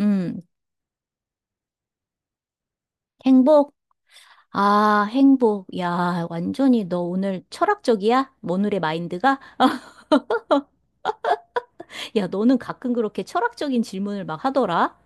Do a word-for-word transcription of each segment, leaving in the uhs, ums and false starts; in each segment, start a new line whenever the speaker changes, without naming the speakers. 음, 행복? 아, 행복. 야, 완전히 너 오늘 철학적이야? 오늘의 마인드가? 야, 너는 가끔 그렇게 철학적인 질문을 막 하더라?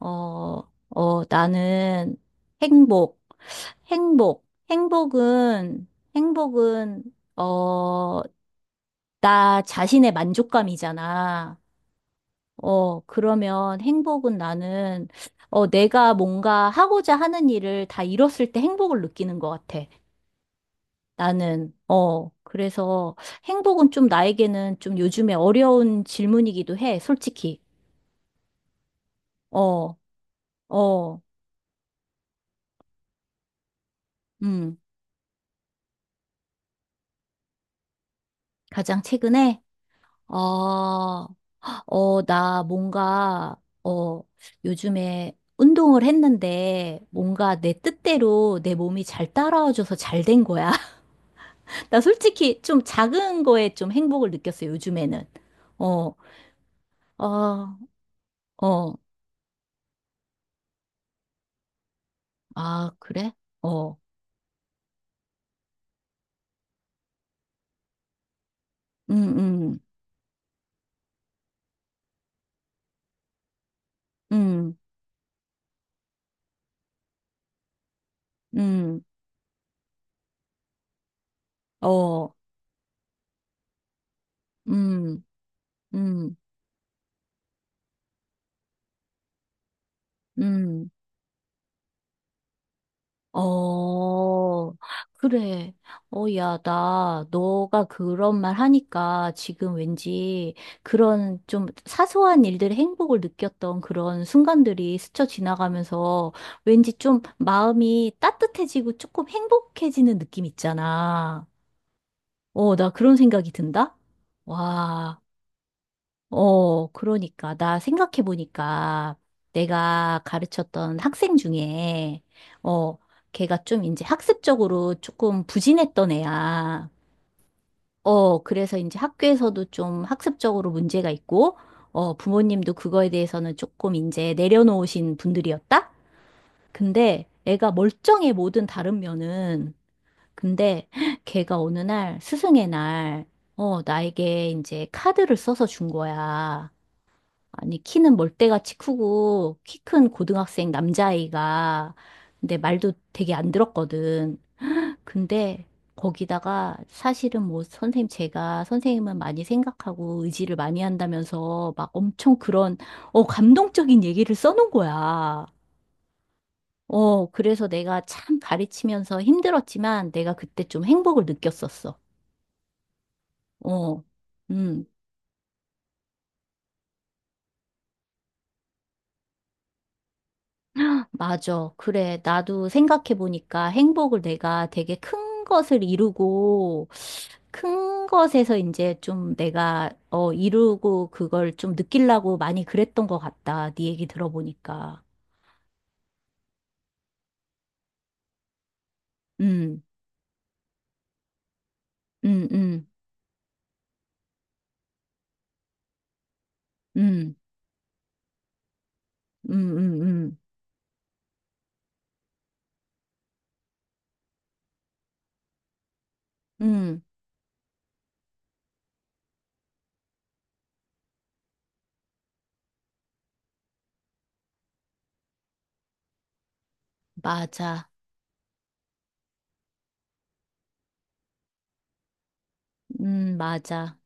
어, 어, 나는 행복, 행복, 행복은, 행복은, 어, 나 자신의 만족감이잖아. 어, 그러면 행복은 나는, 어, 내가 뭔가 하고자 하는 일을 다 이뤘을 때 행복을 느끼는 것 같아. 나는, 어, 그래서 행복은 좀 나에게는 좀 요즘에 어려운 질문이기도 해, 솔직히. 어, 어, 음, 가장 최근에, 어, 어, 나 뭔가, 어, 요즘에 운동을 했는데 뭔가 내 뜻대로 내 몸이 잘 따라와줘서 잘 된 거야. 나 솔직히 좀 작은 거에 좀 행복을 느꼈어, 요즘에는. 어, 어, 어, 아, 그래? 어, 음, 음, 음. 음, 어, 음, 음, 음, 어, 그래. 어, 야, 나, 너가 그런 말 하니까 지금 왠지 그런 좀 사소한 일들의 행복을 느꼈던 그런 순간들이 스쳐 지나가면서 왠지 좀 마음이 따뜻해지고 조금 행복해지는 느낌 있잖아. 어, 나 그런 생각이 든다? 와. 어, 그러니까. 나 생각해보니까 내가 가르쳤던 학생 중에, 어, 걔가 좀 이제 학습적으로 조금 부진했던 애야. 어, 그래서 이제 학교에서도 좀 학습적으로 문제가 있고, 어, 부모님도 그거에 대해서는 조금 이제 내려놓으신 분들이었다? 근데 애가 멀쩡해 모든 다른 면은. 근데 걔가 어느 날, 스승의 날, 어, 나에게 이제 카드를 써서 준 거야. 아니, 키는 멀대같이 크고, 키 큰 고등학생 남자아이가, 근데 말도 되게 안 들었거든. 근데 거기다가 사실은 뭐 선생님, 제가 선생님은 많이 생각하고 의지를 많이 한다면서 막 엄청 그런, 어, 감동적인 얘기를 써놓은 거야. 어, 그래서 내가 참 가르치면서 힘들었지만 내가 그때 좀 행복을 느꼈었어. 어, 음. 맞아. 그래. 나도 생각해보니까 행복을 내가 되게 큰 것을 이루고, 큰 것에서 이제 좀 내가, 어, 이루고 그걸 좀 느끼려고 많이 그랬던 것 같다. 네 얘기 들어보니까. 음, 음, 음, 음, 음, 음, 음, 음, 맞아. 음, 맞아.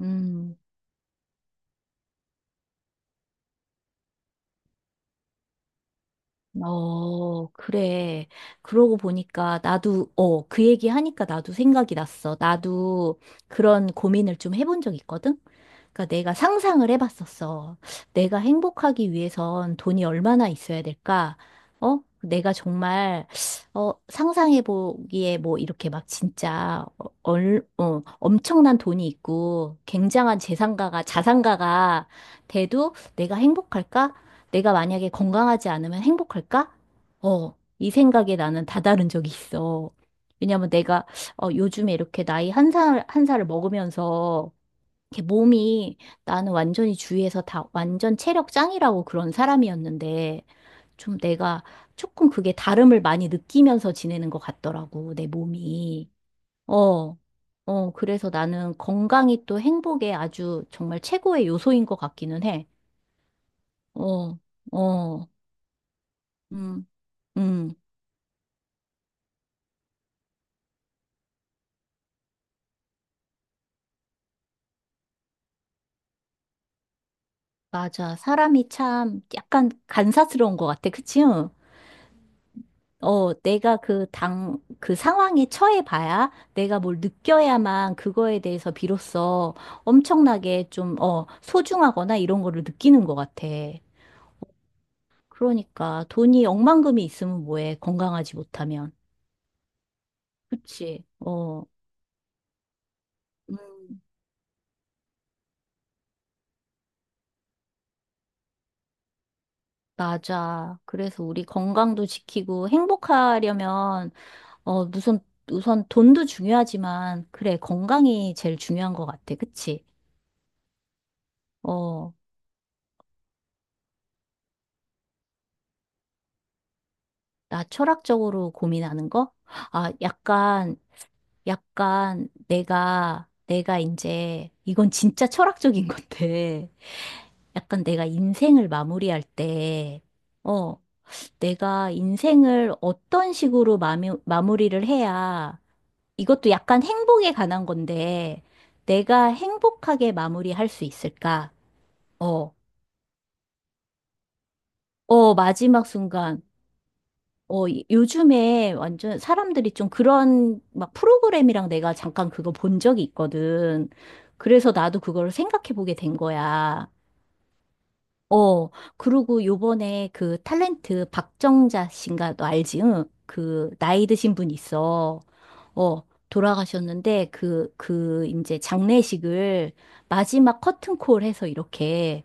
음. 어, 그래. 그러고 보니까 나도, 어, 그 얘기 하니까 나도 생각이 났어. 나도 그런 고민을 좀 해본 적 있거든? 그러니까 내가 상상을 해봤었어. 내가 행복하기 위해선 돈이 얼마나 있어야 될까? 어? 내가 정말, 어, 상상해보기에 뭐 이렇게 막 진짜, 어, 얼, 어, 엄청난 돈이 있고, 굉장한 재산가가, 자산가가 돼도 내가 행복할까? 내가 만약에 건강하지 않으면 행복할까? 어, 이 생각에 나는 다다른 적이 있어. 왜냐면 내가, 어, 요즘에 이렇게 나이 한 살, 한 살을 먹으면서 이렇게 몸이 나는 완전히 주위에서 다 완전 체력 짱이라고 그런 사람이었는데 좀 내가 조금 그게 다름을 많이 느끼면서 지내는 것 같더라고, 내 몸이. 어, 어, 그래서 나는 건강이 또 행복의 아주 정말 최고의 요소인 것 같기는 해. 어, 어, 음, 음, 맞아. 사람이 참 약간 간사스러운 것 같아, 그치? 어, 내가 그 당, 그 상황에 처해 봐야 내가 뭘 느껴야만 그거에 대해서 비로소 엄청나게 좀, 어, 소중하거나 이런 거를 느끼는 것 같아. 그러니까 돈이 억만금이 있으면 뭐해, 건강하지 못하면. 그치? 어, 음, 맞아. 그래서 우리 건강도 지키고 행복하려면, 어, 무슨, 우선 돈도 중요하지만, 그래, 건강이 제일 중요한 것 같아. 그치? 어. 나 철학적으로 고민하는 거? 아, 약간, 약간 내가, 내가 이제, 이건 진짜 철학적인 건데, 약간 내가 인생을 마무리할 때, 어, 내가 인생을 어떤 식으로 마무, 마무리를 해야, 이것도 약간 행복에 관한 건데, 내가 행복하게 마무리할 수 있을까? 어, 어, 마지막 순간. 어, 이- 요즘에 완전 사람들이 좀 그런 막 프로그램이랑 내가 잠깐 그거 본 적이 있거든. 그래서 나도 그걸 생각해 보게 된 거야. 어, 그리고 요번에 그 탤런트 박정자 씨인가 너 알지? 응? 그 나이 드신 분 있어. 어, 돌아가셨는데 그, 그 이제 장례식을 마지막 커튼콜 해서 이렇게,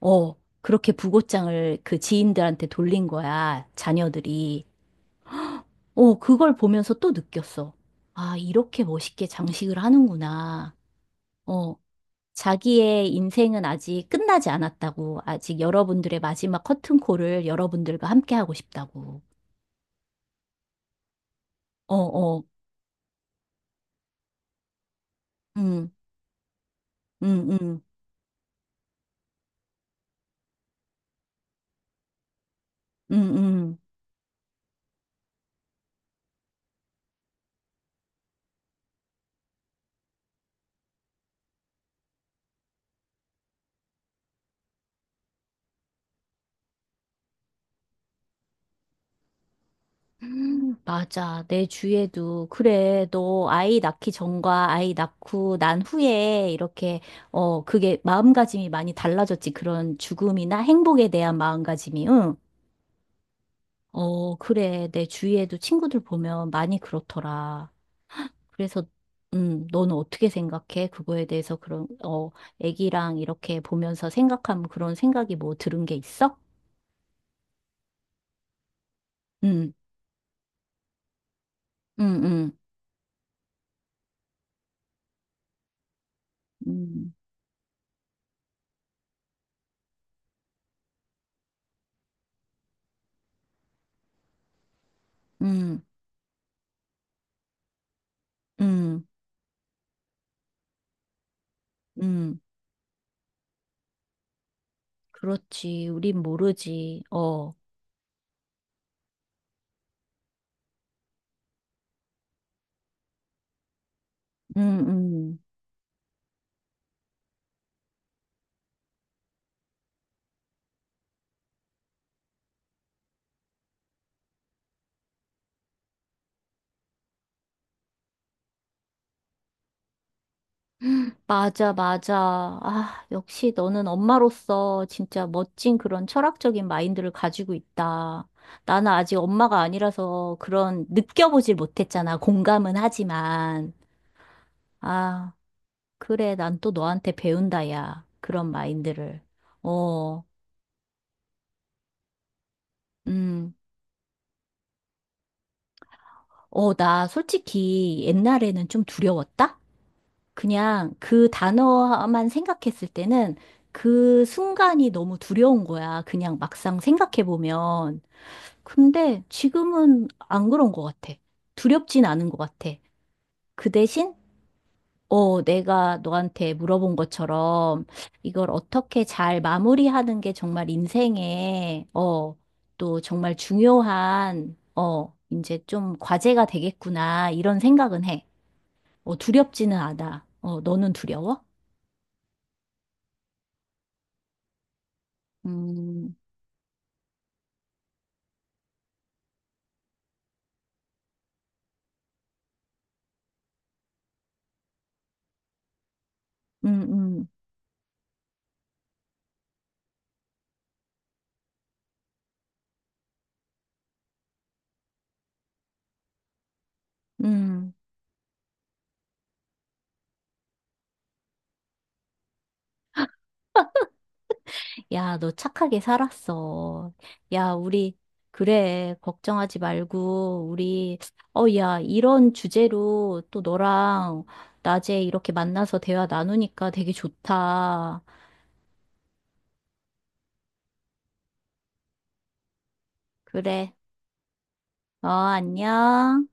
어, 그렇게 부고장을 그 지인들한테 돌린 거야. 자녀들이. 어, 그걸 보면서 또 느꼈어. 아, 이렇게 멋있게 장식을 하는구나. 어, 자기의 인생은 아직 끝나지 않았다고. 아직 여러분들의 마지막 커튼콜을 여러분들과 함께 하고 싶다고. 어, 어, 응, 응, 응, 응, 응. 맞아. 내 주위에도, 그래, 너 아이 낳기 전과 아이 낳고 난 후에 이렇게, 어, 그게 마음가짐이 많이 달라졌지. 그런 죽음이나 행복에 대한 마음가짐이, 응. 어, 그래. 내 주위에도 친구들 보면 많이 그렇더라. 그래서, 음, 너는 어떻게 생각해? 그거에 대해서 그런, 어, 애기랑 이렇게 보면서 생각하면 그런 생각이 뭐 들은 게 있어? 응, 응, 응, 음, 응, 응, 응, 그렇지. 우린 모르지. 어, 응, 응. 맞아, 맞아. 아, 역시 너는 엄마로서 진짜 멋진 그런 철학적인 마인드를 가지고 있다. 나는 아직 엄마가 아니라서 그런 느껴보질 못했잖아. 공감은 하지만. 아, 그래. 난 또 너한테 배운다, 야. 그런 마인드를. 어, 음. 어, 나 솔직히 옛날에는 좀 두려웠다? 그냥 그 단어만 생각했을 때는 그 순간이 너무 두려운 거야. 그냥 막상 생각해보면. 근데 지금은 안 그런 것 같아. 두렵진 않은 것 같아. 그 대신, 어, 내가 너한테 물어본 것처럼 이걸 어떻게 잘 마무리하는 게 정말 인생에, 어, 또 정말 중요한, 어, 이제 좀 과제가 되겠구나, 이런 생각은 해. 어, 두렵지는 않아. 어, 너는 두려워? 음, 음, 음, 음. 야, 너 착하게 살았어. 야, 우리, 그래, 걱정하지 말고, 우리, 어, 야, 이런 주제로 또 너랑 낮에 이렇게 만나서 대화 나누니까 되게 좋다. 그래, 어, 안녕.